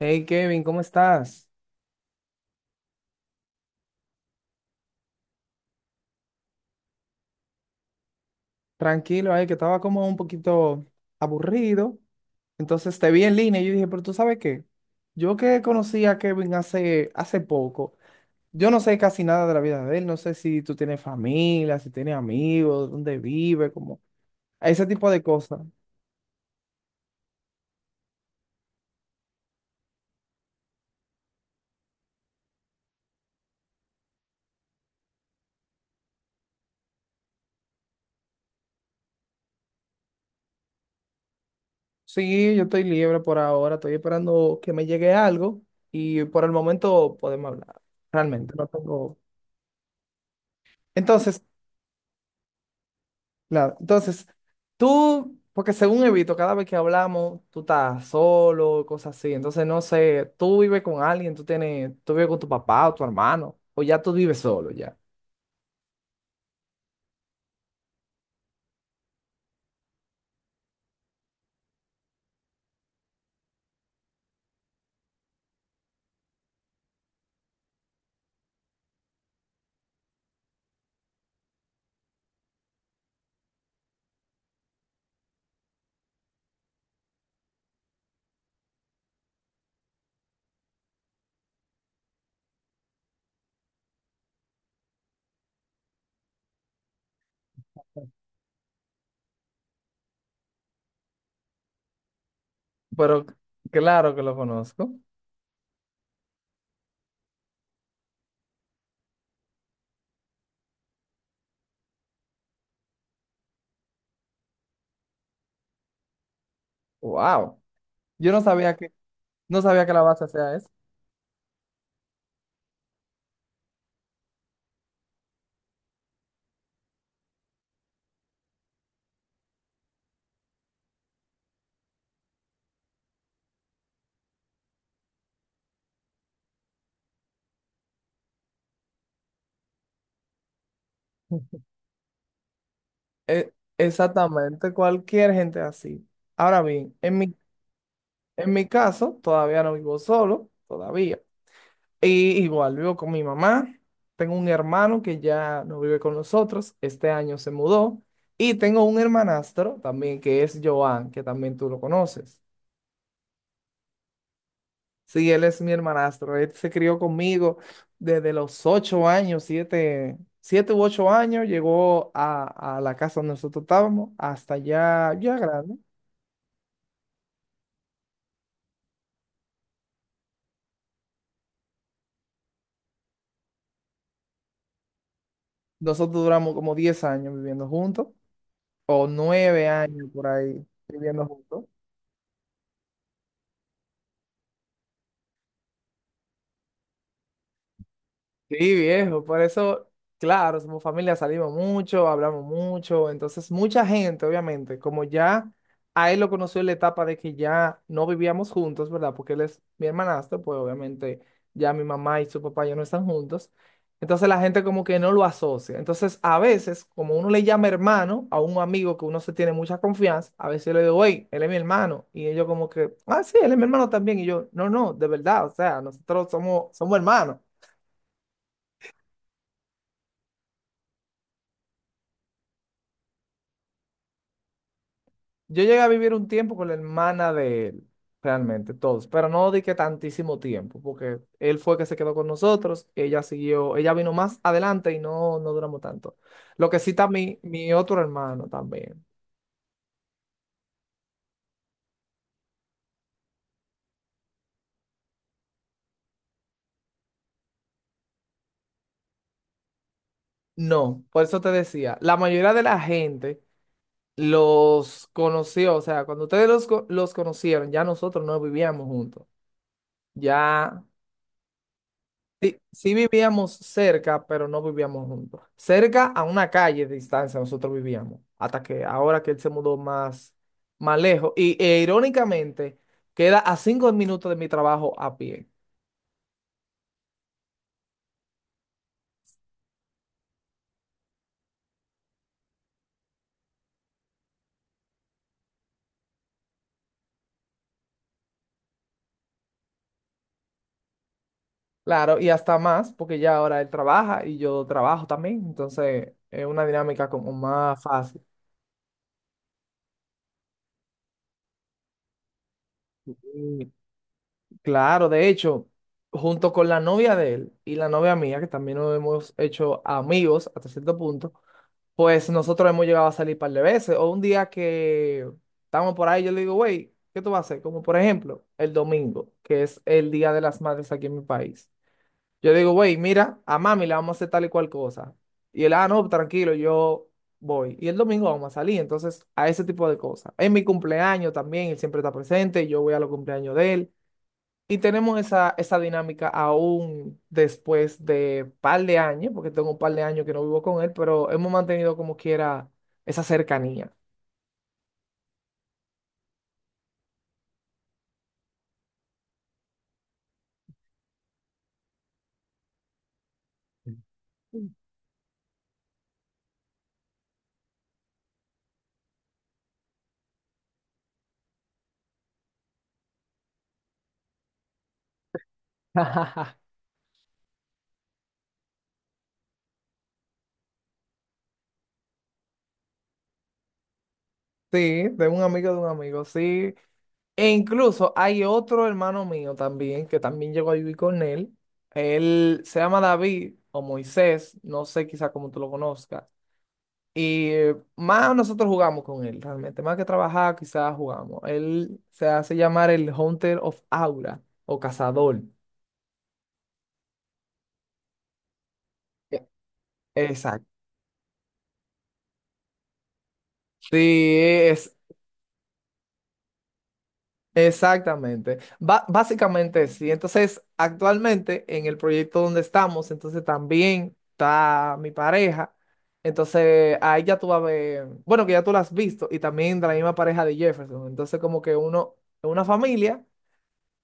Hey Kevin, ¿cómo estás? Tranquilo, que estaba como un poquito aburrido. Entonces te vi en línea y yo dije, pero tú sabes qué, yo que conocí a Kevin hace poco, yo no sé casi nada de la vida de él, no sé si tú tienes familia, si tienes amigos, dónde vive, como ese tipo de cosas. Sí, yo estoy libre por ahora, estoy esperando que me llegue algo y por el momento podemos hablar. Realmente no tengo... Entonces, claro. Entonces, tú, porque según evito, cada vez que hablamos, tú estás solo, cosas así. Entonces, no sé, tú vives con alguien, tú tienes, tú vives con tu papá o tu hermano, o ya tú vives solo ya. Pero claro que lo conozco. Wow. Yo no sabía que, no sabía que la base sea eso. E- Exactamente, cualquier gente así. Ahora bien, en mi caso, todavía no vivo solo, todavía. Y igual vivo con mi mamá, tengo un hermano que ya no vive con nosotros, este año se mudó, y tengo un hermanastro también que es Joan, que también tú lo conoces. Sí, él es mi hermanastro, él se crió conmigo desde los 8 años, siete u 8 años, llegó a la casa donde nosotros estábamos, hasta ya, ya grande. Nosotros duramos como 10 años viviendo juntos, o 9 años por ahí viviendo juntos. Sí, viejo, por eso, claro, somos familia, salimos mucho, hablamos mucho, entonces mucha gente, obviamente, como ya a él lo conoció en la etapa de que ya no vivíamos juntos, ¿verdad? Porque él es mi hermanastro, pues obviamente ya mi mamá y su papá ya no están juntos, entonces la gente como que no lo asocia, entonces a veces, como uno le llama hermano a un amigo que uno se tiene mucha confianza, a veces yo le digo, hey, él es mi hermano, y ellos como que, ah, sí, él es mi hermano también, y yo, no, no, de verdad, o sea, nosotros somos, somos hermanos. Yo llegué a vivir un tiempo con la hermana de él, realmente, todos, pero no di que tantísimo tiempo, porque él fue que se quedó con nosotros, ella siguió, ella vino más adelante y no, no duramos tanto. Lo que sí está mi otro hermano también. No, por eso te decía, la mayoría de la gente los conoció, o sea, cuando ustedes los conocieron, ya nosotros no vivíamos juntos, ya. Sí, sí vivíamos cerca, pero no vivíamos juntos. Cerca a una calle de distancia nosotros vivíamos, hasta que ahora que él se más lejos. Y e, irónicamente, queda a 5 minutos de mi trabajo a pie. Claro, y hasta más, porque ya ahora él trabaja y yo trabajo también. Entonces, es una dinámica como más fácil. Y claro, de hecho, junto con la novia de él y la novia mía, que también nos hemos hecho amigos hasta cierto punto, pues nosotros hemos llegado a salir un par de veces. O un día que estamos por ahí, yo le digo, güey, ¿qué tú vas a hacer? Como por ejemplo, el domingo, que es el Día de las Madres aquí en mi país. Yo digo, güey, mira, a mami le vamos a hacer tal y cual cosa. Y él, ah, no, tranquilo, yo voy. Y el domingo vamos a salir. Entonces, a ese tipo de cosas. En mi cumpleaños también, él siempre está presente. Yo voy a los cumpleaños de él. Y tenemos esa dinámica aún después de par de años, porque tengo un par de años que no vivo con él, pero hemos mantenido como quiera esa cercanía. Sí, de un amigo, sí. E incluso hay otro hermano mío también, que también llegó a vivir con él. Él se llama David o Moisés, no sé quizá cómo tú lo conozcas. Y más nosotros jugamos con él, realmente. Más que trabajar, quizás jugamos. Él se hace llamar el Hunter of Aura o cazador. Exacto. Sí, es exactamente. Básicamente sí. Entonces, actualmente en el proyecto donde estamos, entonces también está mi pareja. Entonces, ahí ya tú vas a ver, bueno, que ya tú la has visto, y también de la misma pareja de Jefferson. Entonces, como que uno es una familia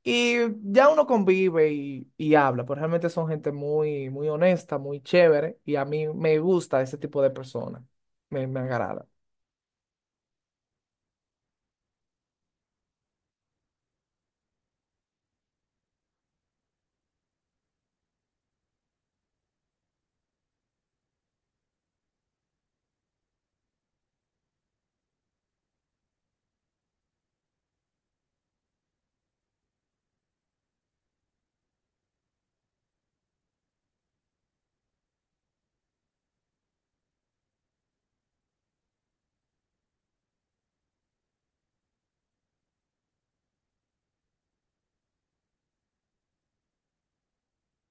y ya uno convive y habla, pero realmente son gente muy, muy honesta, muy chévere, y a mí me gusta ese tipo de personas. Me agrada.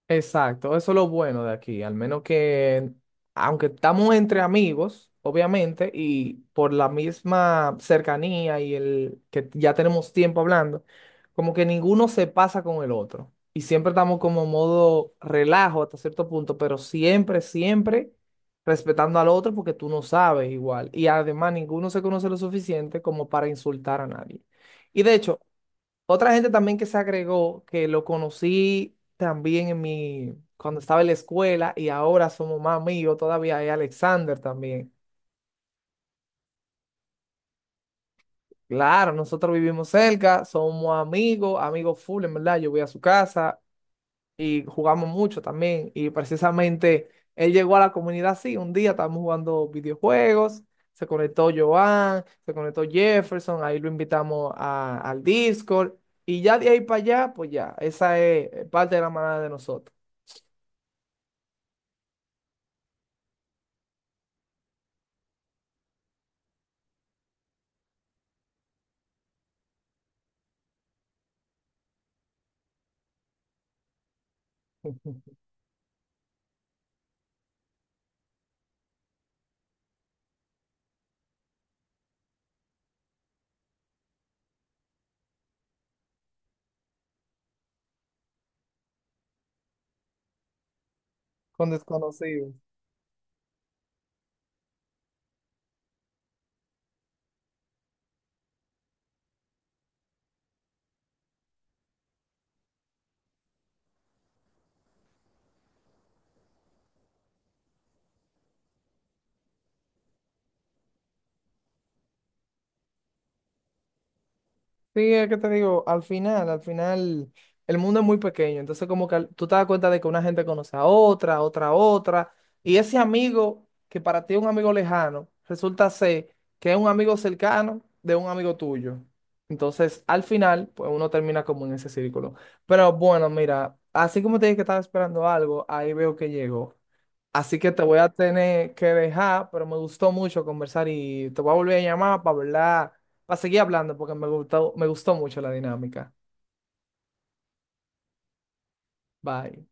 Exacto, eso es lo bueno de aquí, al menos que, aunque estamos entre amigos, obviamente, y por la misma cercanía y el que ya tenemos tiempo hablando, como que ninguno se pasa con el otro. Y siempre estamos como modo relajo hasta cierto punto, pero siempre, siempre respetando al otro porque tú no sabes igual. Y además ninguno se conoce lo suficiente como para insultar a nadie. Y de hecho, otra gente también que se agregó, que lo conocí también en mi, cuando estaba en la escuela y ahora somos más amigos todavía, es Alexander también. Claro, nosotros vivimos cerca, somos amigos, amigos full, en verdad. Yo voy a su casa y jugamos mucho también. Y precisamente él llegó a la comunidad así, un día estábamos jugando videojuegos, se conectó Joan, se conectó Jefferson, ahí lo invitamos al Discord. Y ya de ahí para allá, pues ya, esa es parte de la manada de nosotros. Con desconocidos. Sí, es que te digo, al final, el mundo es muy pequeño, entonces como que tú te das cuenta de que una gente conoce a otra, a otra, y ese amigo que para ti es un amigo lejano, resulta ser que es un amigo cercano de un amigo tuyo. Entonces, al final, pues uno termina como en ese círculo. Pero bueno, mira, así como te dije que estaba esperando algo, ahí veo que llegó. Así que te voy a tener que dejar, pero me gustó mucho conversar y te voy a volver a llamar para hablar, para seguir hablando, porque me gustó mucho la dinámica. Bye.